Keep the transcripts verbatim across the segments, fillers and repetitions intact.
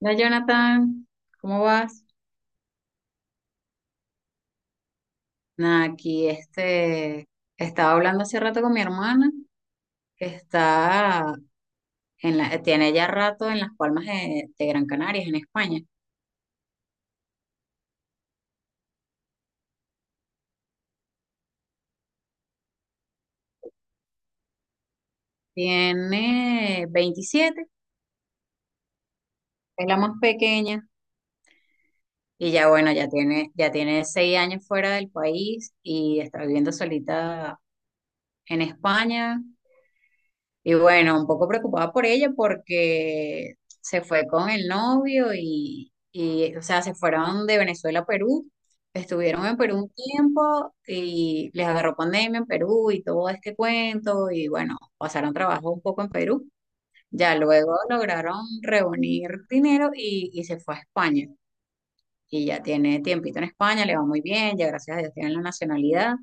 Hola Jonathan, ¿cómo vas? Nada, aquí este, estaba hablando hace rato con mi hermana, que está en la, tiene ya rato en las Palmas de, de Gran Canarias, en España. Tiene veintisiete, es la más pequeña, y ya bueno, ya tiene, ya tiene seis años fuera del país y está viviendo solita en España. Y bueno, un poco preocupada por ella porque se fue con el novio y, y, o sea, se fueron de Venezuela a Perú, estuvieron en Perú un tiempo y les agarró pandemia en Perú y todo este cuento y bueno, pasaron trabajo un poco en Perú. Ya luego lograron reunir dinero y, y se fue a España. Y ya tiene tiempito en España, le va muy bien, ya gracias a Dios tiene la nacionalidad.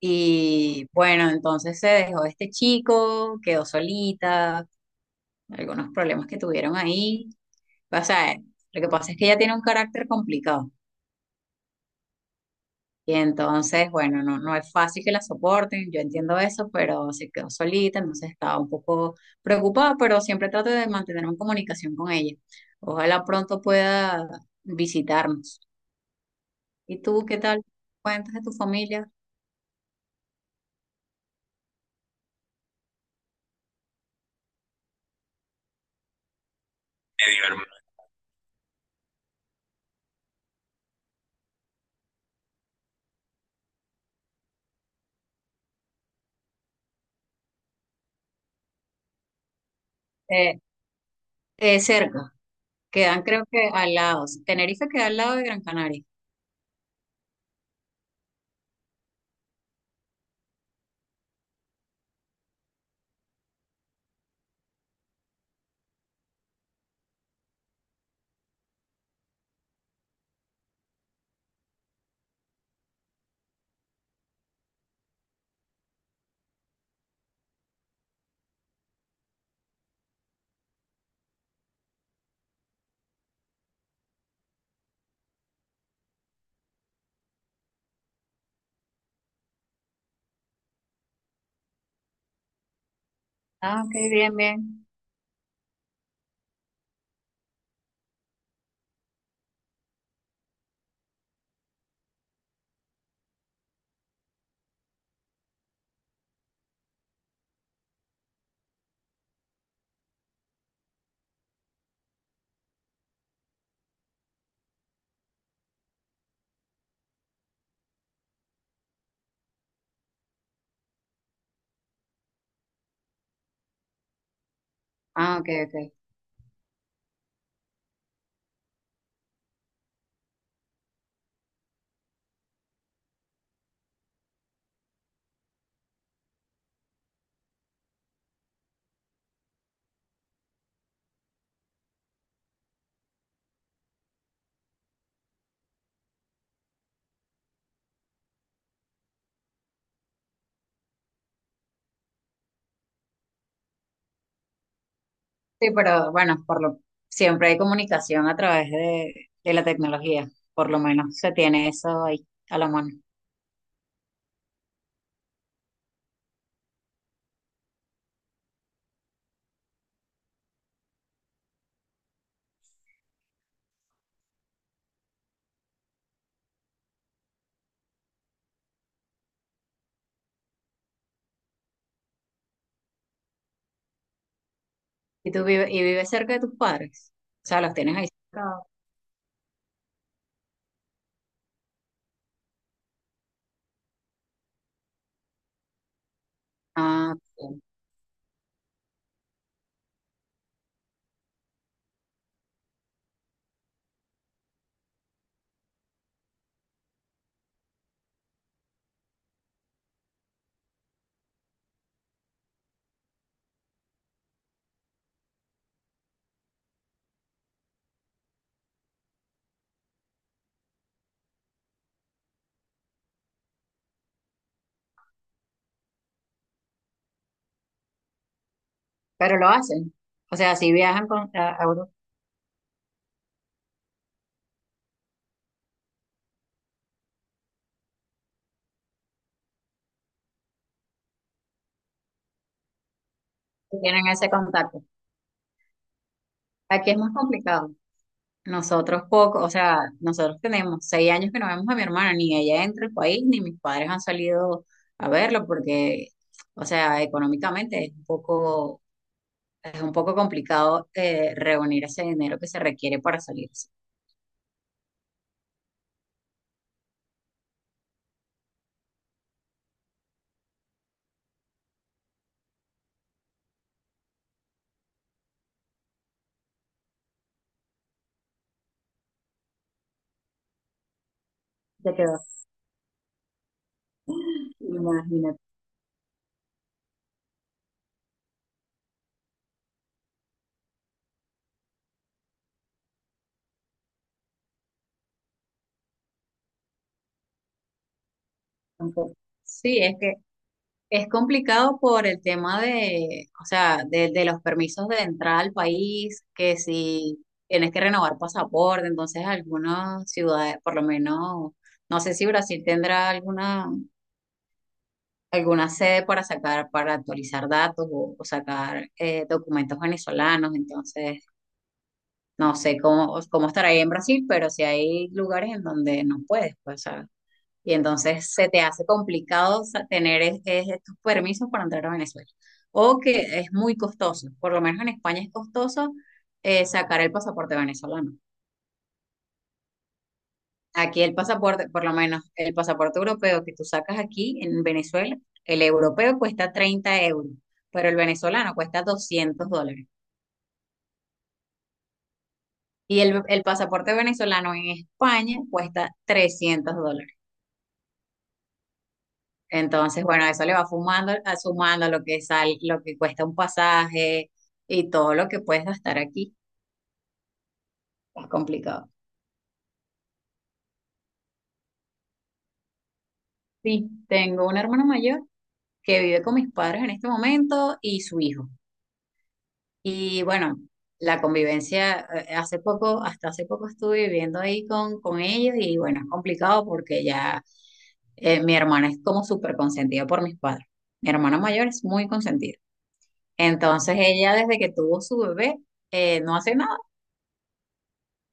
Y bueno, entonces se dejó de este chico, quedó solita, algunos problemas que tuvieron ahí. O sea, lo que pasa es que ella tiene un carácter complicado y entonces, bueno, no, no es fácil que la soporten, yo entiendo eso, pero se quedó solita, entonces estaba un poco preocupada, pero siempre trato de mantener una comunicación con ella. Ojalá pronto pueda visitarnos. ¿Y tú qué tal? ¿Cuentas de tu familia? Eh, eh, cerca, quedan creo que al lado. Tenerife queda al lado de Gran Canaria. Ah, ok, bien, bien. Ah, ok, ok. Sí, pero bueno, por lo, siempre hay comunicación a través de, de la tecnología. Por lo menos se tiene eso ahí a la mano. ¿Y tú vives, y vives cerca de tus padres? O sea, los tienes ahí cerca. Ah, ok. Pero lo hacen. O sea, si viajan con, a a Europa, sí tienen ese contacto. Aquí es más complicado. Nosotros poco, o sea, nosotros tenemos seis años que no vemos a mi hermana, ni ella entra al país, ni mis padres han salido a verlo porque, o sea, económicamente es un poco es un poco complicado eh, reunir ese dinero que se requiere para salirse. Ya quedó. Imagínate. Entonces, sí, es que es complicado por el tema de, o sea, de, de los permisos de entrada al país, que si tienes que renovar pasaporte, entonces algunas ciudades, por lo menos, no sé si Brasil tendrá alguna, alguna sede para sacar, para actualizar datos o, o sacar eh, documentos venezolanos, entonces no sé cómo, cómo estará ahí en Brasil, pero si hay lugares en donde no puedes, pues, o sea, y entonces se te hace complicado sa- tener es- es- estos permisos para entrar a Venezuela. O que es muy costoso, por lo menos en España es costoso eh, sacar el pasaporte venezolano. Aquí el pasaporte, por lo menos el pasaporte europeo que tú sacas aquí en Venezuela, el europeo cuesta treinta euros, pero el venezolano cuesta doscientos dólares. Y el, el pasaporte venezolano en España cuesta trescientos dólares. Entonces, bueno, eso le va fumando, a- sumando a lo que sal, lo que cuesta un pasaje y todo lo que puedes gastar aquí. Es complicado. Sí, tengo un hermano mayor que vive con mis padres en este momento y su hijo. Y bueno, la convivencia, eh, hace poco, hasta hace poco estuve viviendo ahí con, con ellos y bueno, es complicado porque ya eh, mi hermana es como súper consentida por mis padres. Mi hermana mayor es muy consentida. Entonces, ella desde que tuvo su bebé, eh, no hace nada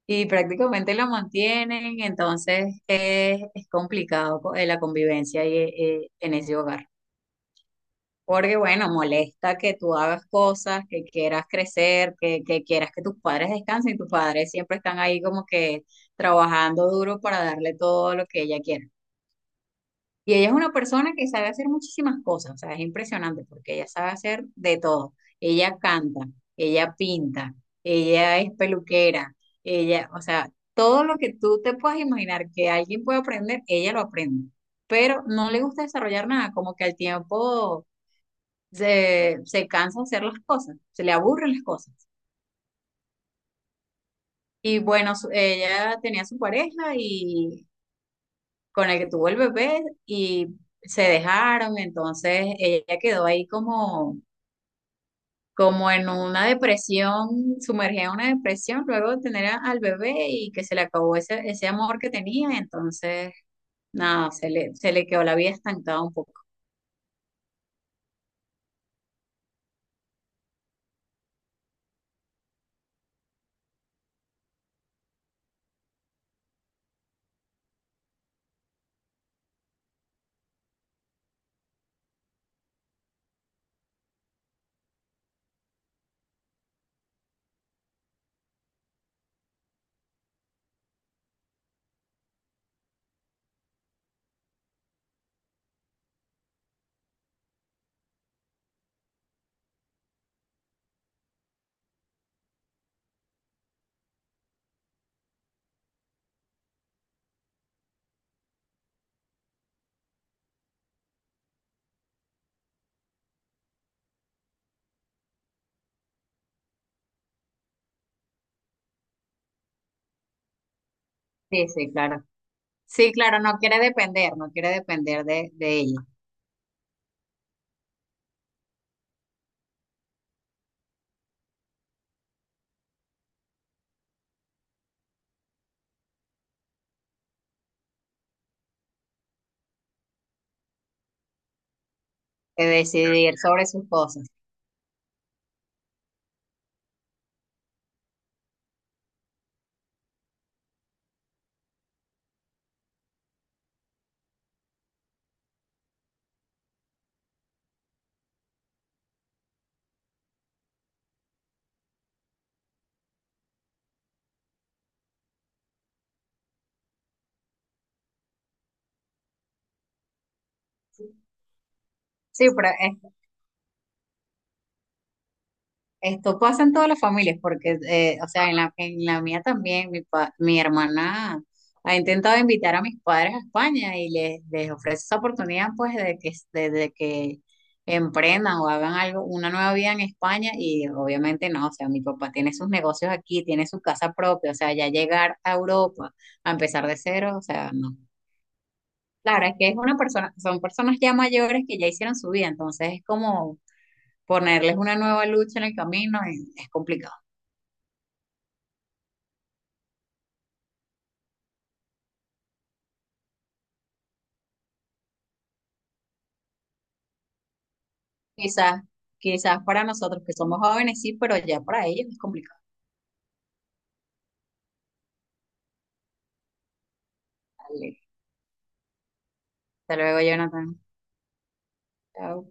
y prácticamente lo mantienen, entonces es, es complicado co- eh, la convivencia ahí, eh, en ese hogar. Porque bueno, molesta que tú hagas cosas, que quieras crecer, que, que quieras que tus padres descansen y tus padres siempre están ahí como que trabajando duro para darle todo lo que ella quiere. Y ella es una persona que sabe hacer muchísimas cosas, o sea, es impresionante porque ella sabe hacer de todo. Ella canta, ella pinta, ella es peluquera, ella, o sea, todo lo que tú te puedas imaginar que alguien puede aprender, ella lo aprende. Pero no le gusta desarrollar nada, como que al tiempo se, se cansa de hacer las cosas, se le aburren las cosas. Y bueno, su- ella tenía su pareja y con el que tuvo el bebé y se dejaron, entonces ella quedó ahí como, como en una depresión, sumergida en una depresión luego de tener a- al bebé y que se le acabó ese, ese amor que tenía, entonces nada, se le, se le quedó la vida estancada un poco. Sí, sí, claro. Sí, claro, no quiere depender, no quiere depender de, de ella, de decidir sobre sus cosas. Sí, pero esto pasa en todas las familias, porque, eh, o sea, en la, en la mía también, mi, pa- mi hermana ha intentado invitar a mis padres a España y les, les ofrece esa oportunidad, pues, de que, de, de que emprendan o hagan algo, una nueva vida en España y obviamente no, o sea, mi papá tiene sus negocios aquí, tiene su casa propia, o sea, ya llegar a Europa a empezar de cero, o sea, no. Claro, es que es una persona, son personas ya mayores que ya hicieron su vida, entonces es como ponerles una nueva lucha en el camino, y es complicado. Quizás, quizás para nosotros que somos jóvenes sí, pero ya para ellos es complicado. Dale. Hasta luego, Jonathan. Chao.